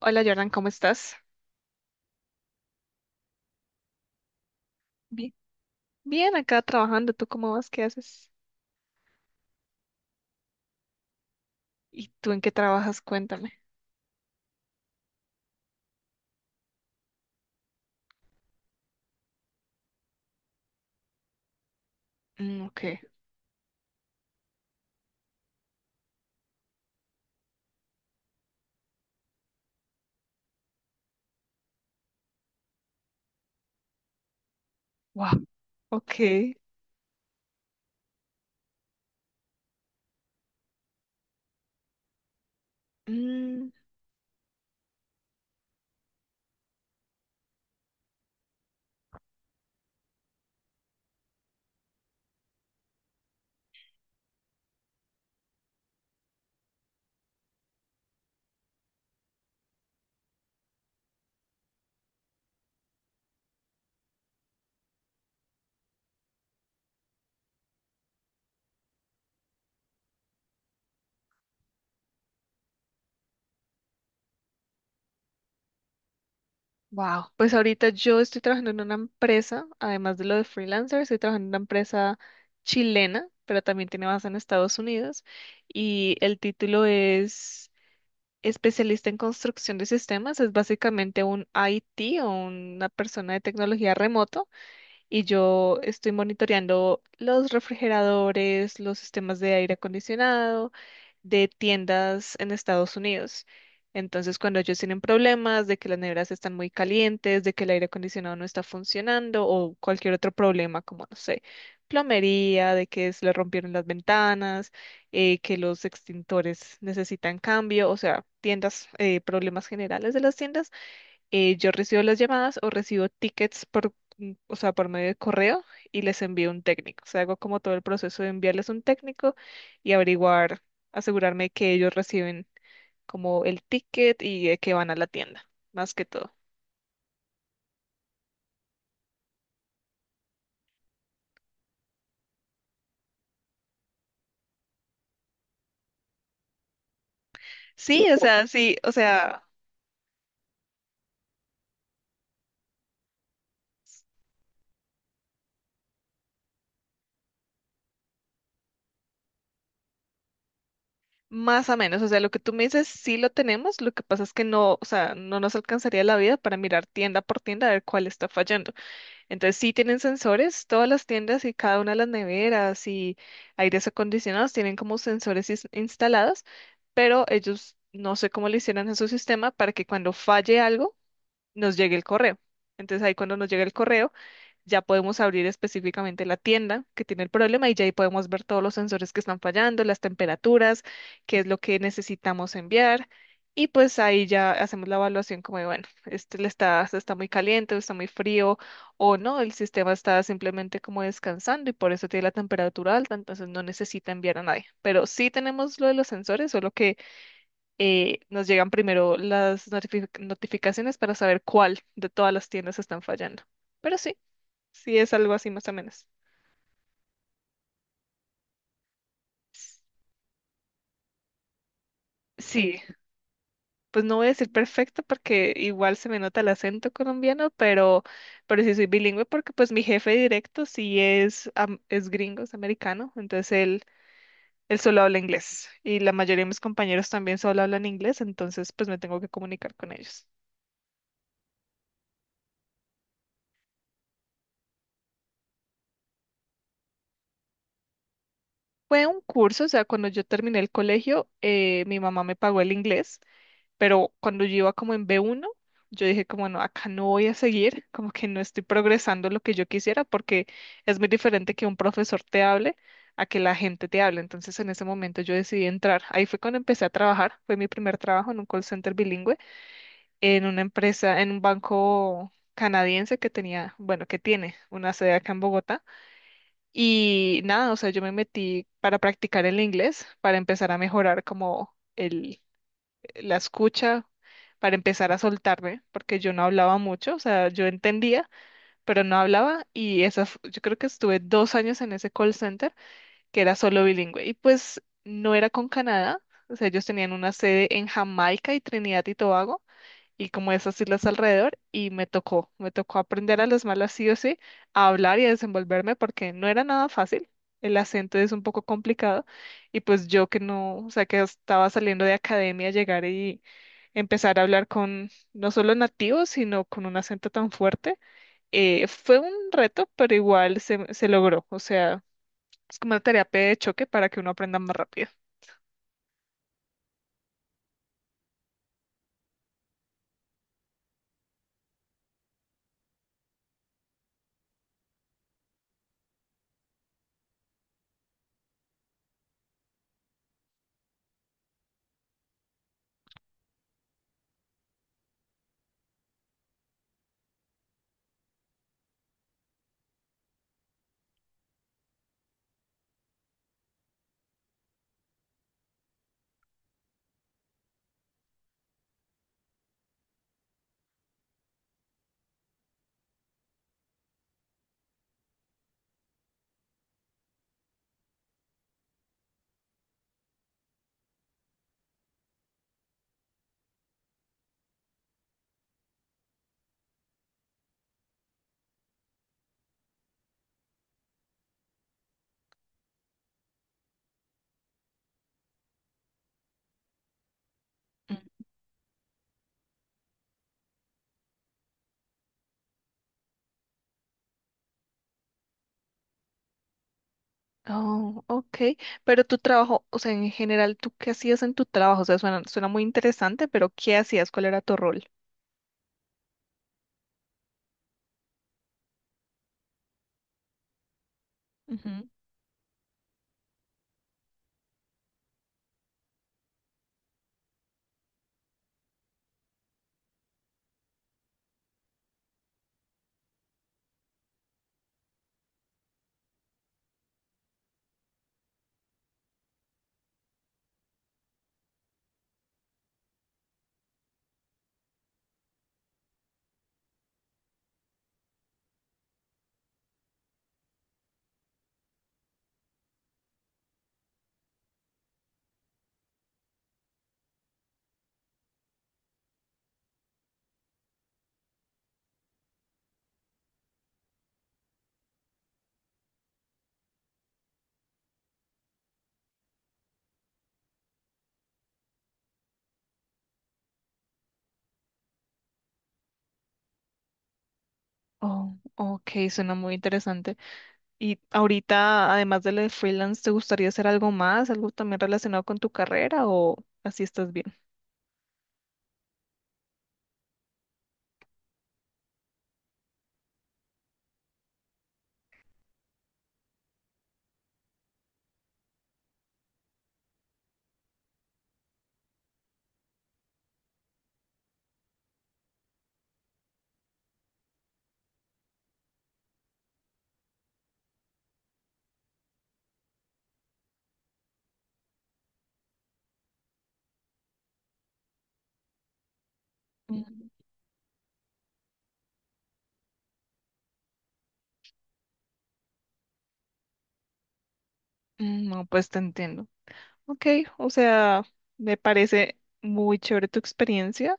Hola Jordan, ¿cómo estás? Bien, bien, acá trabajando. ¿Tú cómo vas? ¿Qué haces? ¿Y tú en qué trabajas? Cuéntame. Mm, ok. Wow, ok. Mm. Wow, pues ahorita yo estoy trabajando en una empresa, además de lo de freelancer, estoy trabajando en una empresa chilena, pero también tiene base en Estados Unidos y el título es especialista en construcción de sistemas, es básicamente un IT o una persona de tecnología remoto, y yo estoy monitoreando los refrigeradores, los sistemas de aire acondicionado de tiendas en Estados Unidos. Entonces, cuando ellos tienen problemas de que las neveras están muy calientes, de que el aire acondicionado no está funcionando o cualquier otro problema, como no sé, plomería, de que se le rompieron las ventanas, que los extintores necesitan cambio, o sea, tiendas, problemas generales de las tiendas, yo recibo las llamadas o recibo tickets por, o sea, por medio de correo, y les envío un técnico. O sea, hago como todo el proceso de enviarles un técnico y averiguar, asegurarme que ellos reciben como el ticket y de que van a la tienda, más que todo. Sí, o sea, más o menos, o sea, lo que tú me dices sí lo tenemos, lo que pasa es que no, o sea, no nos alcanzaría la vida para mirar tienda por tienda a ver cuál está fallando. Entonces sí tienen sensores, todas las tiendas y cada una de las neveras y aires acondicionados tienen como sensores instalados, pero ellos no sé cómo le hicieron a su sistema para que cuando falle algo nos llegue el correo. Entonces ahí cuando nos llega el correo ya podemos abrir específicamente la tienda que tiene el problema y ya ahí podemos ver todos los sensores que están fallando, las temperaturas, qué es lo que necesitamos enviar. Y pues ahí ya hacemos la evaluación como de, bueno, este le está, está muy caliente, o está muy frío, o no, el sistema está simplemente como descansando y por eso tiene la temperatura alta, entonces no necesita enviar a nadie. Pero sí tenemos lo de los sensores, solo que nos llegan primero las notificaciones para saber cuál de todas las tiendas están fallando. Pero sí. Sí, es algo así más o menos. S- Sí, pues no voy a decir perfecto porque igual se me nota el acento colombiano, pero sí soy bilingüe porque pues mi jefe directo sí es, es gringo, es americano, entonces él solo habla inglés y la mayoría de mis compañeros también solo hablan inglés, entonces pues me tengo que comunicar con ellos. Fue un curso, o sea, cuando yo terminé el colegio, mi mamá me pagó el inglés, pero cuando yo iba como en B1, yo dije como no, acá no voy a seguir, como que no estoy progresando lo que yo quisiera porque es muy diferente que un profesor te hable a que la gente te hable. Entonces en ese momento yo decidí entrar. Ahí fue cuando empecé a trabajar, fue mi primer trabajo en un call center bilingüe, en una empresa, en un banco canadiense que tenía, bueno, que tiene una sede acá en Bogotá. Y nada, o sea, yo me metí para practicar el inglés, para empezar a mejorar como la escucha, para empezar a soltarme, porque yo no hablaba mucho, o sea, yo entendía, pero no hablaba, y esa, yo creo que estuve dos años en ese call center que era solo bilingüe, y pues no era con Canadá, o sea, ellos tenían una sede en Jamaica y Trinidad y Tobago y como esas islas alrededor, y me tocó aprender a las malas sí o sí, a hablar y a desenvolverme porque no era nada fácil, el acento es un poco complicado y pues yo que no, o sea que estaba saliendo de academia, llegar y empezar a hablar con no solo nativos, sino con un acento tan fuerte, fue un reto, pero igual se, se logró, o sea, es como una terapia de choque para que uno aprenda más rápido. Oh, ok. Pero tu trabajo, o sea, en general, ¿tú qué hacías en tu trabajo? O sea, suena, suena muy interesante, pero ¿qué hacías? ¿Cuál era tu rol? Ujú. Oh, ok, suena muy interesante. Y ahorita, además de lo de freelance, ¿te gustaría hacer algo más? ¿Algo también relacionado con tu carrera o así estás bien? Mm. Mm, no, pues te entiendo. Ok, o sea, me parece muy chévere tu experiencia.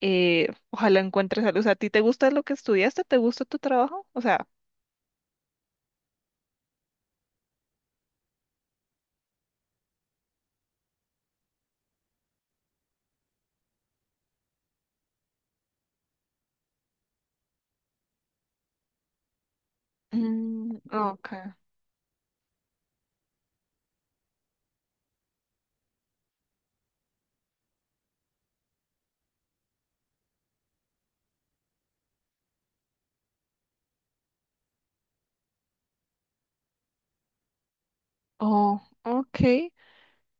Ojalá encuentres algo. O sea, ¿a ti te gusta lo que estudiaste? ¿Te gusta tu trabajo? O sea, mm, okay. Oh, okay.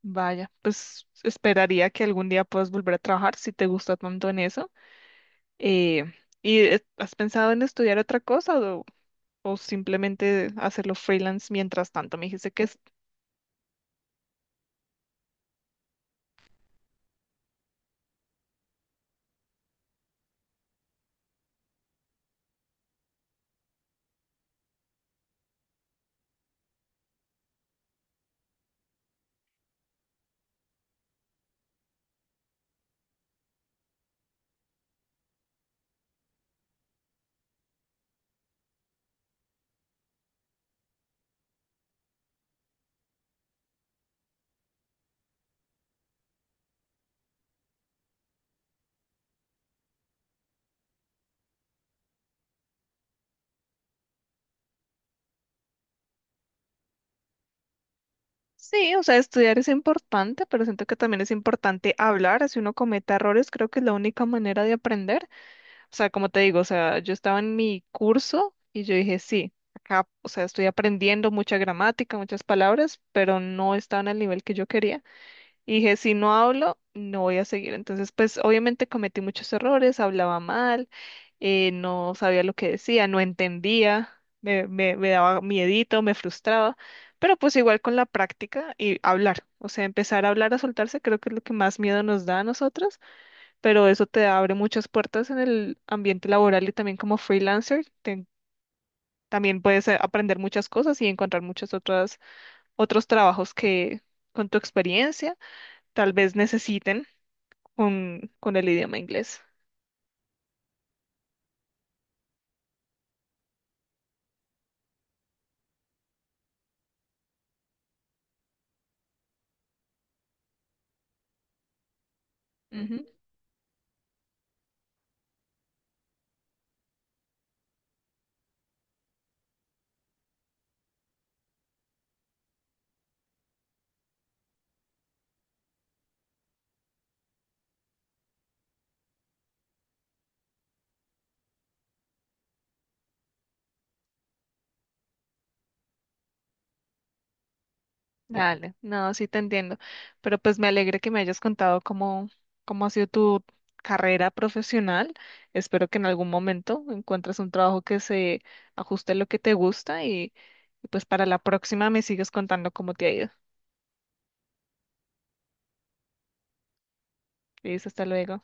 Vaya, pues esperaría que algún día puedas volver a trabajar si te gusta tanto en eso. Eh, ¿Y has pensado en estudiar otra cosa o simplemente hacerlo freelance mientras tanto? Me dijiste que sí, o sea, estudiar es importante, pero siento que también es importante hablar. Si uno comete errores, creo que es la única manera de aprender. O sea, como te digo, o sea, yo estaba en mi curso y yo dije, sí, acá, o sea, estoy aprendiendo mucha gramática, muchas palabras, pero no estaba en el nivel que yo quería. Y dije, si no hablo, no voy a seguir. Entonces, pues obviamente cometí muchos errores, hablaba mal, no sabía lo que decía, no entendía, me daba miedito, me frustraba, pero pues igual con la práctica y hablar, o sea, empezar a hablar, a soltarse, creo que es lo que más miedo nos da a nosotros, pero eso te abre muchas puertas en el ambiente laboral y también como freelancer, también puedes aprender muchas cosas y encontrar muchos otros, otros trabajos que con tu experiencia tal vez necesiten con el idioma inglés. Ujú. Dale, no, sí te entiendo, pero pues me alegra que me hayas contado cómo, cómo ha sido tu carrera profesional. Espero que en algún momento encuentres un trabajo que se ajuste a lo que te gusta y pues para la próxima me sigues contando cómo te ha ido. Listo, hasta luego.